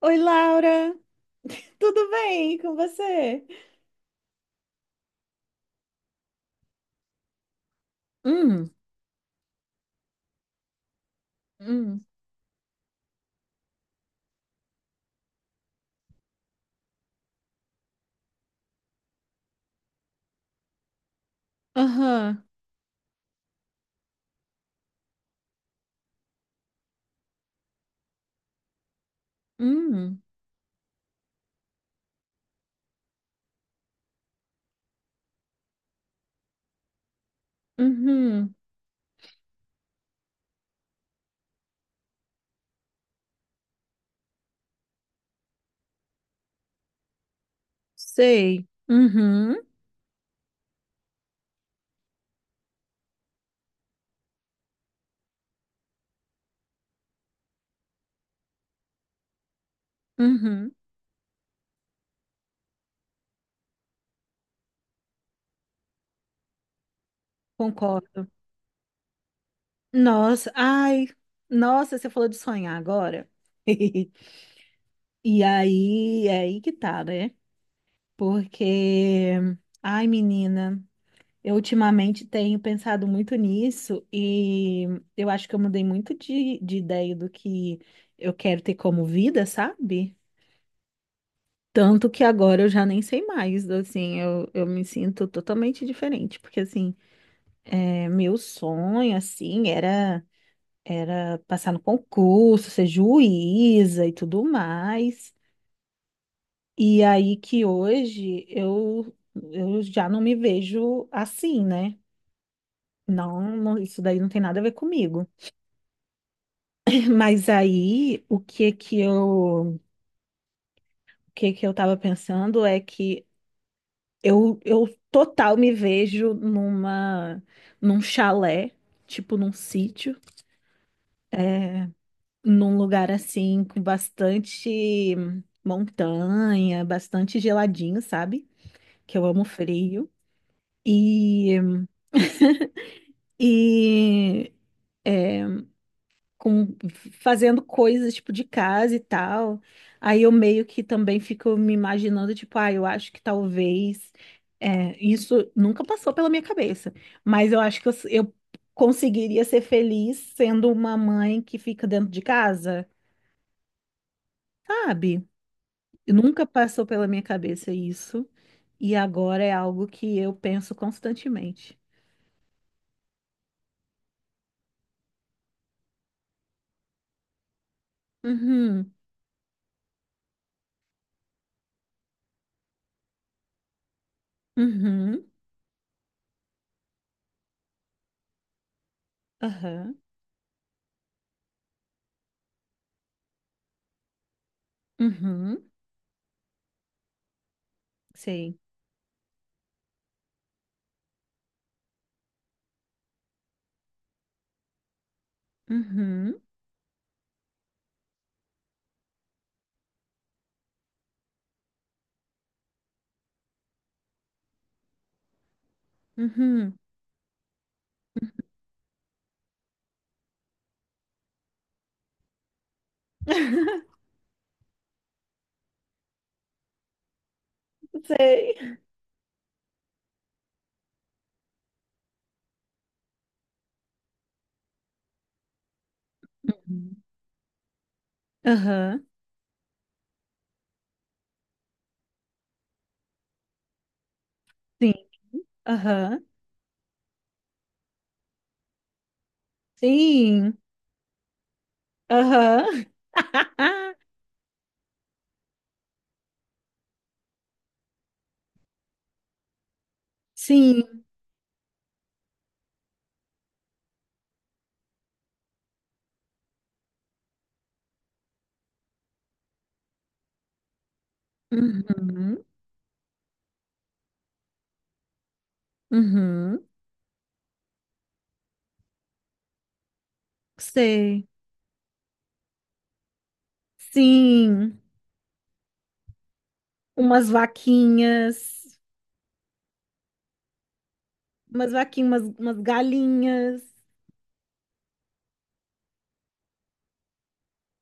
Oi, Laura! Tudo bem com você? Hum, hum, aham, hum, uhum, sei, uhum, uhum, concordo. Nossa, ai, nossa, você falou de sonhar agora. E aí, é aí que tá, né? Porque, ai, menina, eu ultimamente tenho pensado muito nisso e eu acho que eu mudei muito de ideia do que eu quero ter como vida, sabe? Tanto que agora eu já nem sei mais, assim, eu me sinto totalmente diferente, porque, assim, é, meu sonho, assim, era, era passar no concurso, ser juíza e tudo mais, e aí que hoje eu já não me vejo assim, né? Não, não, isso daí não tem nada a ver comigo. Mas aí, o que que eu tava pensando é que eu total me vejo num chalé, tipo num sítio, é, num lugar assim com bastante montanha, bastante geladinho, sabe? Que eu amo frio. E, e com fazendo coisas tipo de casa e tal. Aí eu meio que também fico me imaginando, tipo, ah, eu acho que talvez é, isso nunca passou pela minha cabeça, mas eu acho que eu conseguiria ser feliz sendo uma mãe que fica dentro de casa, sabe? Nunca passou pela minha cabeça isso, e agora é algo que eu penso constantemente. Uhum, uhum, aham, uhum, sei. Uhum, uhum. Sei. Uhum. Aham, sim, aham, sim, aham. Sim, uhum, uhum, sei, sim, umas vaquinhas, umas vaquinhas, umas galinhas,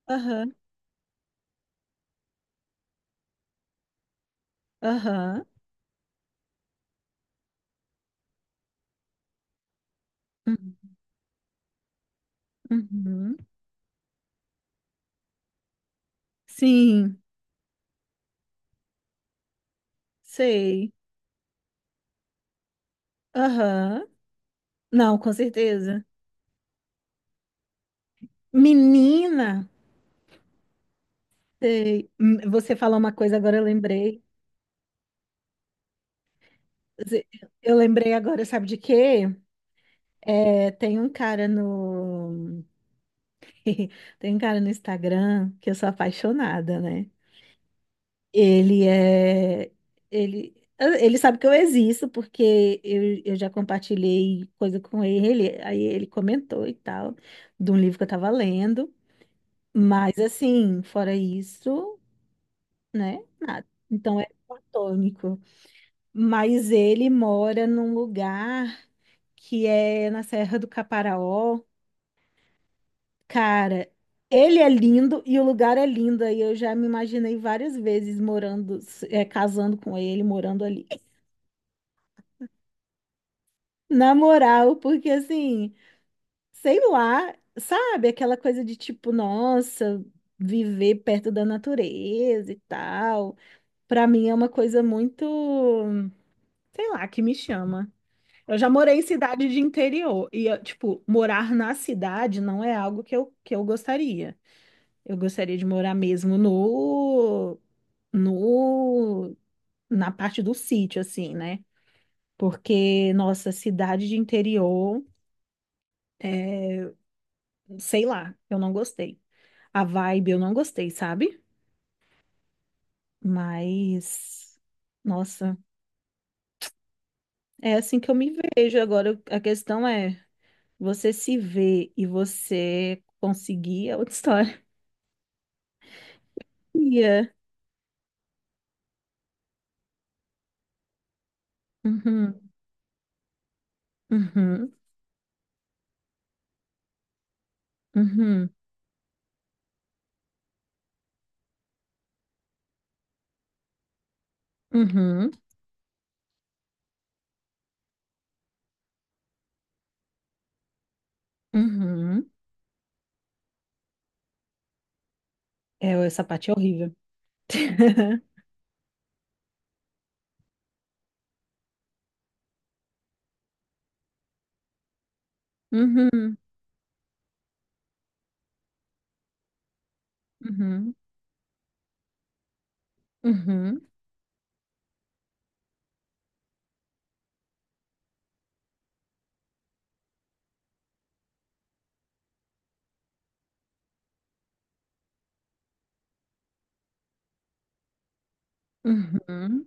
aham, aham, uhum, uhum, sim, sei, aham, não, com certeza. Menina, sei, hum, você falou uma coisa, agora eu lembrei, Você- eu lembrei agora, sabe de quê? É, tem um cara no tem um cara no Instagram que eu sou apaixonada, né? Ele é ele sabe que eu existo porque eu já compartilhei coisa com ele, aí ele comentou e tal, de um livro que eu tava lendo, mas assim, fora isso, né? Nada. Então é platônico. Mas ele mora num lugar que é na Serra do Caparaó Cara, ele é lindo e o lugar é lindo. E eu já me imaginei várias vezes morando, é, casando com ele, morando ali. Na moral, porque assim, sei lá, sabe? Aquela coisa de tipo, nossa, viver perto da natureza e tal. Pra mim é uma coisa muito, sei lá, que me chama. Eu já morei em cidade de interior e, eu, tipo, morar na cidade não é algo que eu gostaria. Eu gostaria de morar mesmo no, no, na parte do sítio, assim, né? Porque, nossa, cidade de interior, é, sei lá, eu não gostei. A vibe eu não gostei, sabe? Mas, nossa, é assim que eu me vejo. Agora, a questão é, você se vê e você conseguir é outra história. Ia. Uhum, uhum, uhum, uhum, uhum. É, essa parte é horrível. Uhum, uhum, uhum, uhum,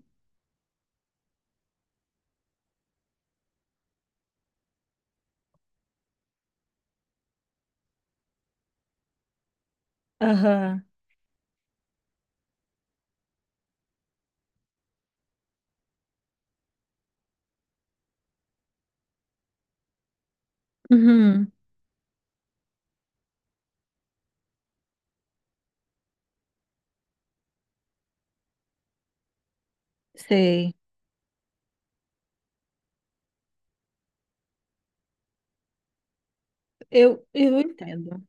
aham, uhum, sei. Eu entendo.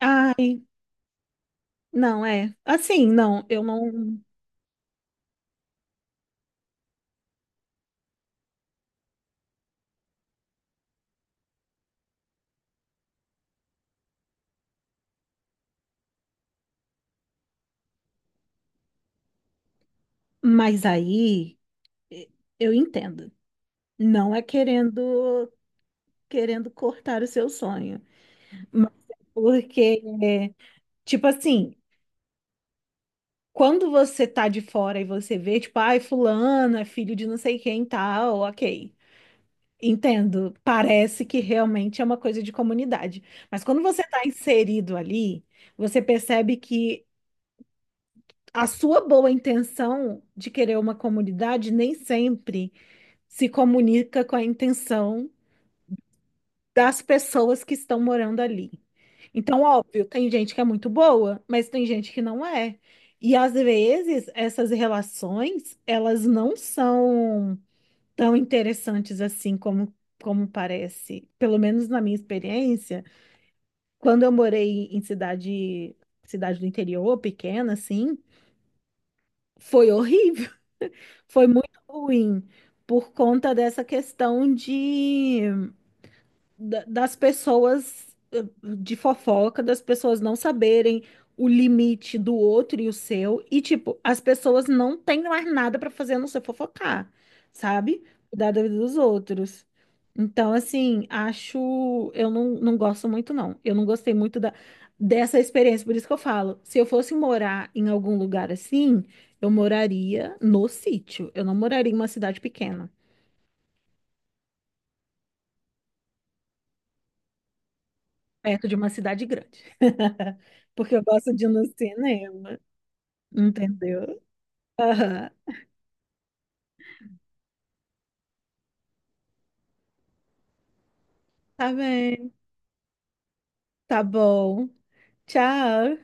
Ai, não, é. Assim, não, eu não. Mas aí, e- eu entendo. Não é querendo cortar o seu sonho. Mas é porque, tipo assim, quando você tá de fora e você vê, tipo, ai, fulano é filho de não sei quem e tal, ok. Entendo. Parece que realmente é uma coisa de comunidade. Mas quando você está inserido ali, você percebe que a sua boa intenção de querer uma comunidade nem sempre se comunica com a intenção das pessoas que estão morando ali. Então, óbvio, tem gente que é muito boa, mas tem gente que não é. E às vezes essas relações, elas não são tão interessantes assim como parece. Pelo menos na minha experiência, quando eu morei em cidade do interior, pequena, assim, foi horrível, foi muito ruim por conta dessa questão das pessoas de fofoca, das pessoas não saberem o limite do outro e o seu, e tipo, as pessoas não têm mais nada pra fazer a não ser fofocar, sabe? Cuidar da vida dos outros. Então, assim, acho. Eu não, não gosto muito, não. Eu não gostei muito dessa experiência. Por isso que eu falo, se eu fosse morar em algum lugar assim, eu moraria no sítio. Eu não moraria em uma cidade pequena. Perto de uma cidade grande. Porque eu gosto de ir no cinema, entendeu? Aham. Tá bem, tá bom. Tchau.